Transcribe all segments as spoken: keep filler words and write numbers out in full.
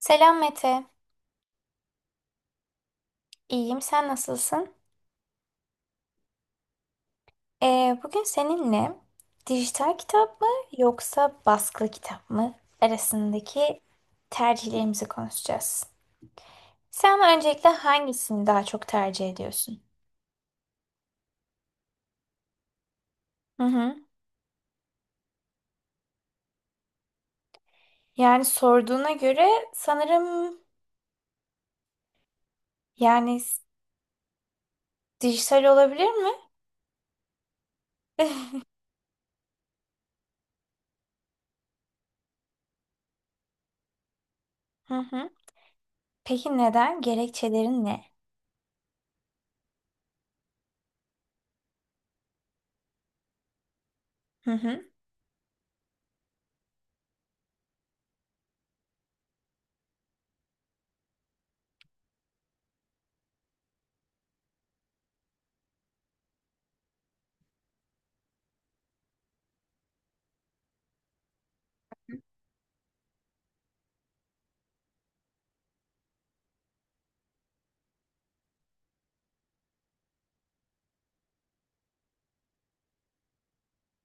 Selam Mete. İyiyim, sen nasılsın? Ee, bugün seninle dijital kitap mı yoksa baskılı kitap mı arasındaki tercihlerimizi konuşacağız. Sen öncelikle hangisini daha çok tercih ediyorsun? Hı hı. Yani sorduğuna göre sanırım yani s- dijital olabilir mi? Hı hı. Peki neden? Gerekçelerin ne? Hı hı.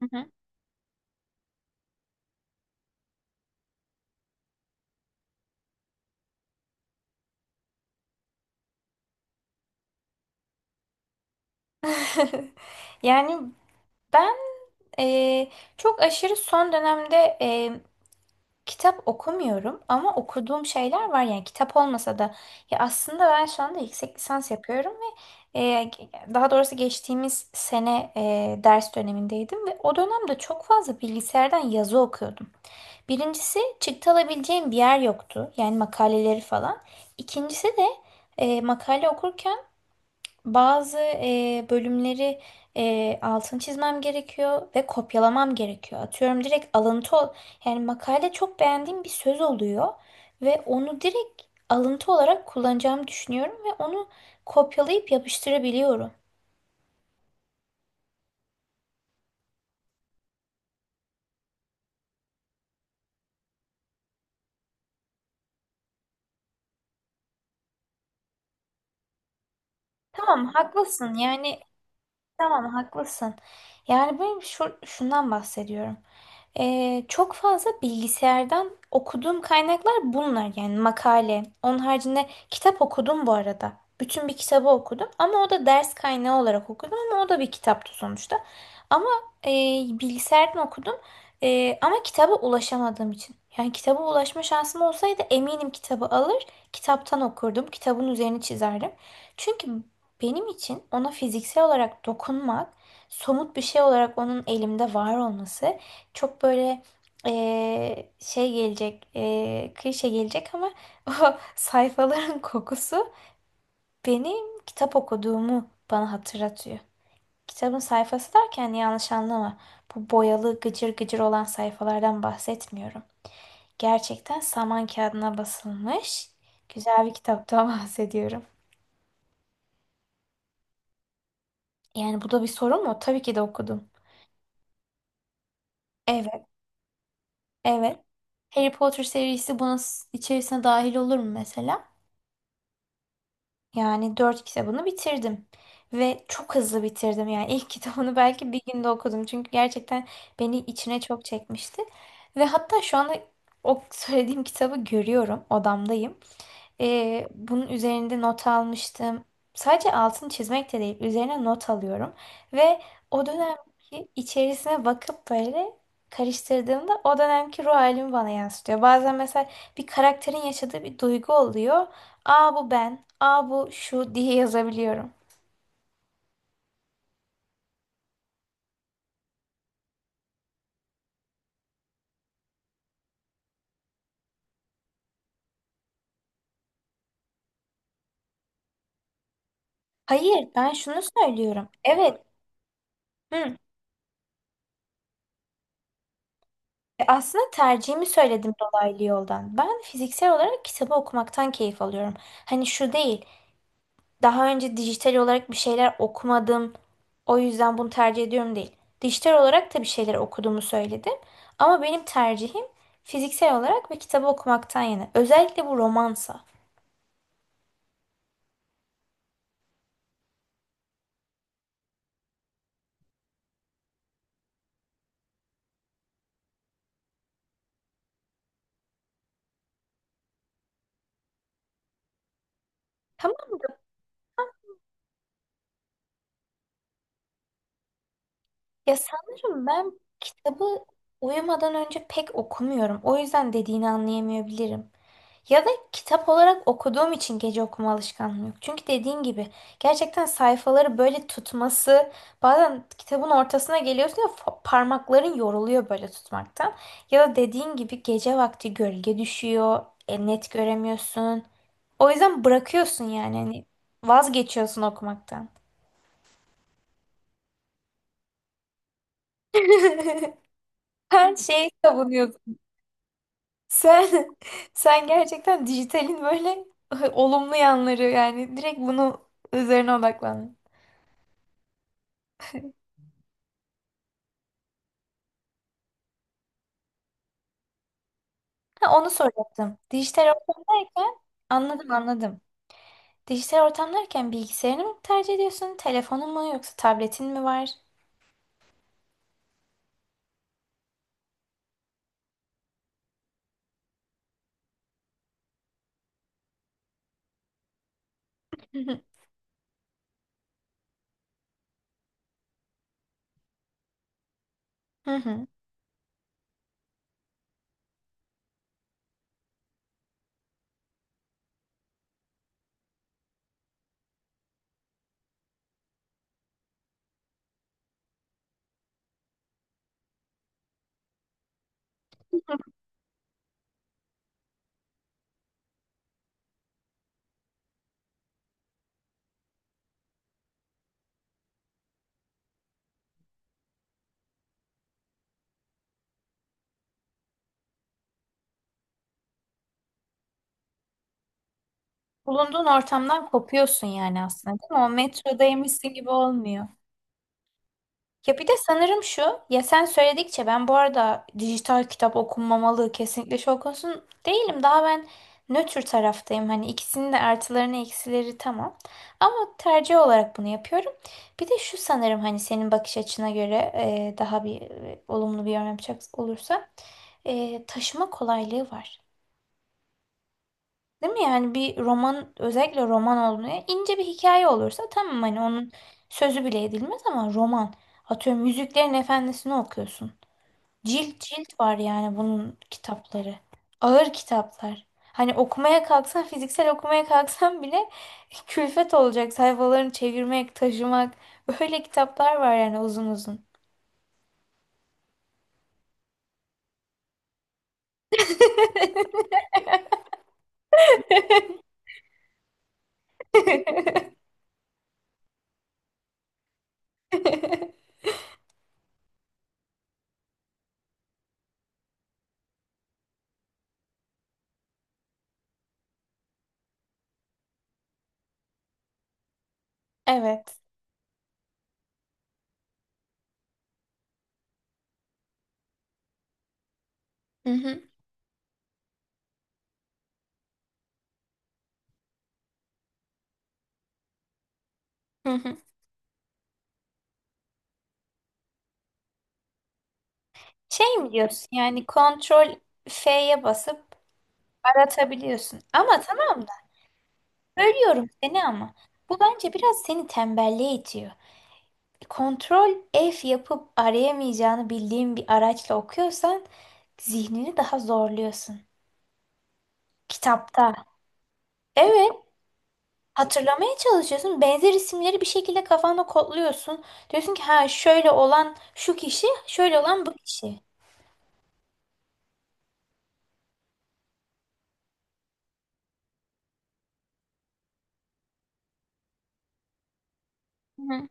Hı hı. Yani ben e, çok aşırı son dönemde kitap okumuyorum ama okuduğum şeyler var, yani kitap olmasa da. Ya aslında ben şu anda yüksek lisans yapıyorum ve e, daha doğrusu geçtiğimiz sene e, ders dönemindeydim ve o dönemde çok fazla bilgisayardan yazı okuyordum. Birincisi çıktı alabileceğim bir yer yoktu, yani makaleleri falan. İkincisi de e, makale okurken bazı e, bölümleri e, altını çizmem gerekiyor ve kopyalamam gerekiyor. Atıyorum direkt alıntı ol- yani makale çok beğendiğim bir söz oluyor ve onu direkt alıntı olarak kullanacağımı düşünüyorum ve onu kopyalayıp yapıştırabiliyorum. Tamam haklısın, yani tamam haklısın. Yani benim şu, şundan bahsediyorum. Ee, çok fazla bilgisayardan okuduğum kaynaklar bunlar, yani makale. Onun haricinde kitap okudum bu arada. Bütün bir kitabı okudum ama o da ders kaynağı olarak okudum, ama o da bir kitaptı sonuçta. Ama e, bilgisayardan okudum. E, ama kitaba ulaşamadığım için. Yani kitaba ulaşma şansım olsaydı eminim kitabı alır, kitaptan okurdum, kitabın üzerini çizerdim. Çünkü benim için ona fiziksel olarak dokunmak, somut bir şey olarak onun elimde var olması çok böyle, eee, şey gelecek, eee klişe gelecek ama o sayfaların kokusu benim kitap okuduğumu bana hatırlatıyor. Kitabın sayfası derken yanlış anlama. Bu boyalı gıcır gıcır olan sayfalardan bahsetmiyorum. Gerçekten saman kağıdına basılmış güzel bir kitaptan bahsediyorum. Yani bu da bir sorun mu? Tabii ki de okudum. Evet, evet. Harry Potter serisi bunun s- içerisine dahil olur mu mesela? Yani dört kitabını bitirdim. Ve çok hızlı bitirdim. Yani ilk kitabını belki bir günde okudum. Çünkü gerçekten beni içine çok çekmişti. Ve hatta şu anda o söylediğim kitabı görüyorum. Odamdayım. Ee, bunun üzerinde not almıştım. Sadece altını çizmek de değil, üzerine not alıyorum. Ve o dönemki içerisine bakıp böyle karıştırdığımda o dönemki ruh halimi bana yansıtıyor. Bazen mesela bir karakterin yaşadığı bir duygu oluyor. Aa bu ben, aa bu şu diye yazabiliyorum. Hayır, ben şunu söylüyorum. Evet, hı. E, aslında tercihimi söyledim dolaylı yoldan. Ben fiziksel olarak kitabı okumaktan keyif alıyorum. Hani şu değil, daha önce dijital olarak bir şeyler okumadım, o yüzden bunu tercih ediyorum değil. Dijital olarak da bir şeyler okuduğumu söyledim. Ama benim tercihim fiziksel olarak bir kitabı okumaktan yana. Özellikle bu romansa. Tamam da ya sanırım ben kitabı uyumadan önce pek okumuyorum. O yüzden dediğini anlayamayabilirim. Ya da kitap olarak okuduğum için gece okuma alışkanlığım yok. Çünkü dediğin gibi gerçekten sayfaları böyle tutması, bazen kitabın ortasına geliyorsun ya fa- parmakların yoruluyor böyle tutmaktan. Ya da dediğin gibi gece vakti gölge düşüyor, e, net göremiyorsun. O yüzden bırakıyorsun, yani hani vazgeçiyorsun okumaktan. Ben şey savunuyordum. Sen sen gerçekten dijitalin böyle olumlu yanları, yani direkt bunu üzerine odaklan. Ha, onu soracaktım. Dijital ortamdayken, anladım anladım. Dijital ortamdayken bilgisayarını mı tercih ediyorsun? Telefonun mu, yoksa tabletin mi var? Hı hı. Bulunduğun ortamdan kopuyorsun yani aslında, değil mi? O metrodaymışsın gibi olmuyor. Ya bir de sanırım şu, ya sen söyledikçe ben, bu arada dijital kitap okunmamalı kesinlikle şok konusun değilim. Daha ben nötr taraftayım. Hani ikisinin de artılarını eksileri tamam. Ama tercih olarak bunu yapıyorum. Bir de şu sanırım, hani senin bakış açına göre e, daha bir e, olumlu bir yorum yapacak olursa e, taşıma kolaylığı var. Değil mi? Yani bir roman, özellikle roman olduğunda ince bir hikaye olursa, tamam hani onun sözü bile edilmez, ama roman. Atıyorum Yüzüklerin Efendisi'ni okuyorsun. Cilt cilt var yani bunun kitapları. Ağır kitaplar. Hani okumaya kalksan, fiziksel okumaya kalksan bile külfet olacak sayfalarını çevirmek, taşımak. Böyle kitaplar var yani, uzun uzun. Evet. Hı hı. Hı hı. Şey mi diyorsun, yani kontrol F'ye basıp aratabiliyorsun. Ama tamam da bölüyorum seni ama. Bu bence biraz seni tembelliğe itiyor. Kontrol F yapıp arayamayacağını bildiğin bir araçla okuyorsan zihnini daha zorluyorsun. Kitapta. Evet. Hatırlamaya çalışıyorsun. Benzer isimleri bir şekilde kafanda kodluyorsun. Diyorsun ki ha, şöyle olan şu kişi, şöyle olan bu kişi. Hı.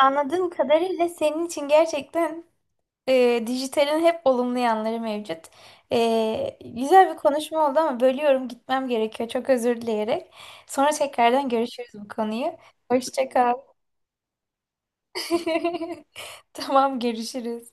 Anladığım kadarıyla senin için gerçekten, E, dijitalin hep olumlu yanları mevcut. E, güzel bir konuşma oldu ama bölüyorum, gitmem gerekiyor. Çok özür dileyerek. Sonra tekrardan görüşürüz bu konuyu. Hoşça kal. Tamam, görüşürüz.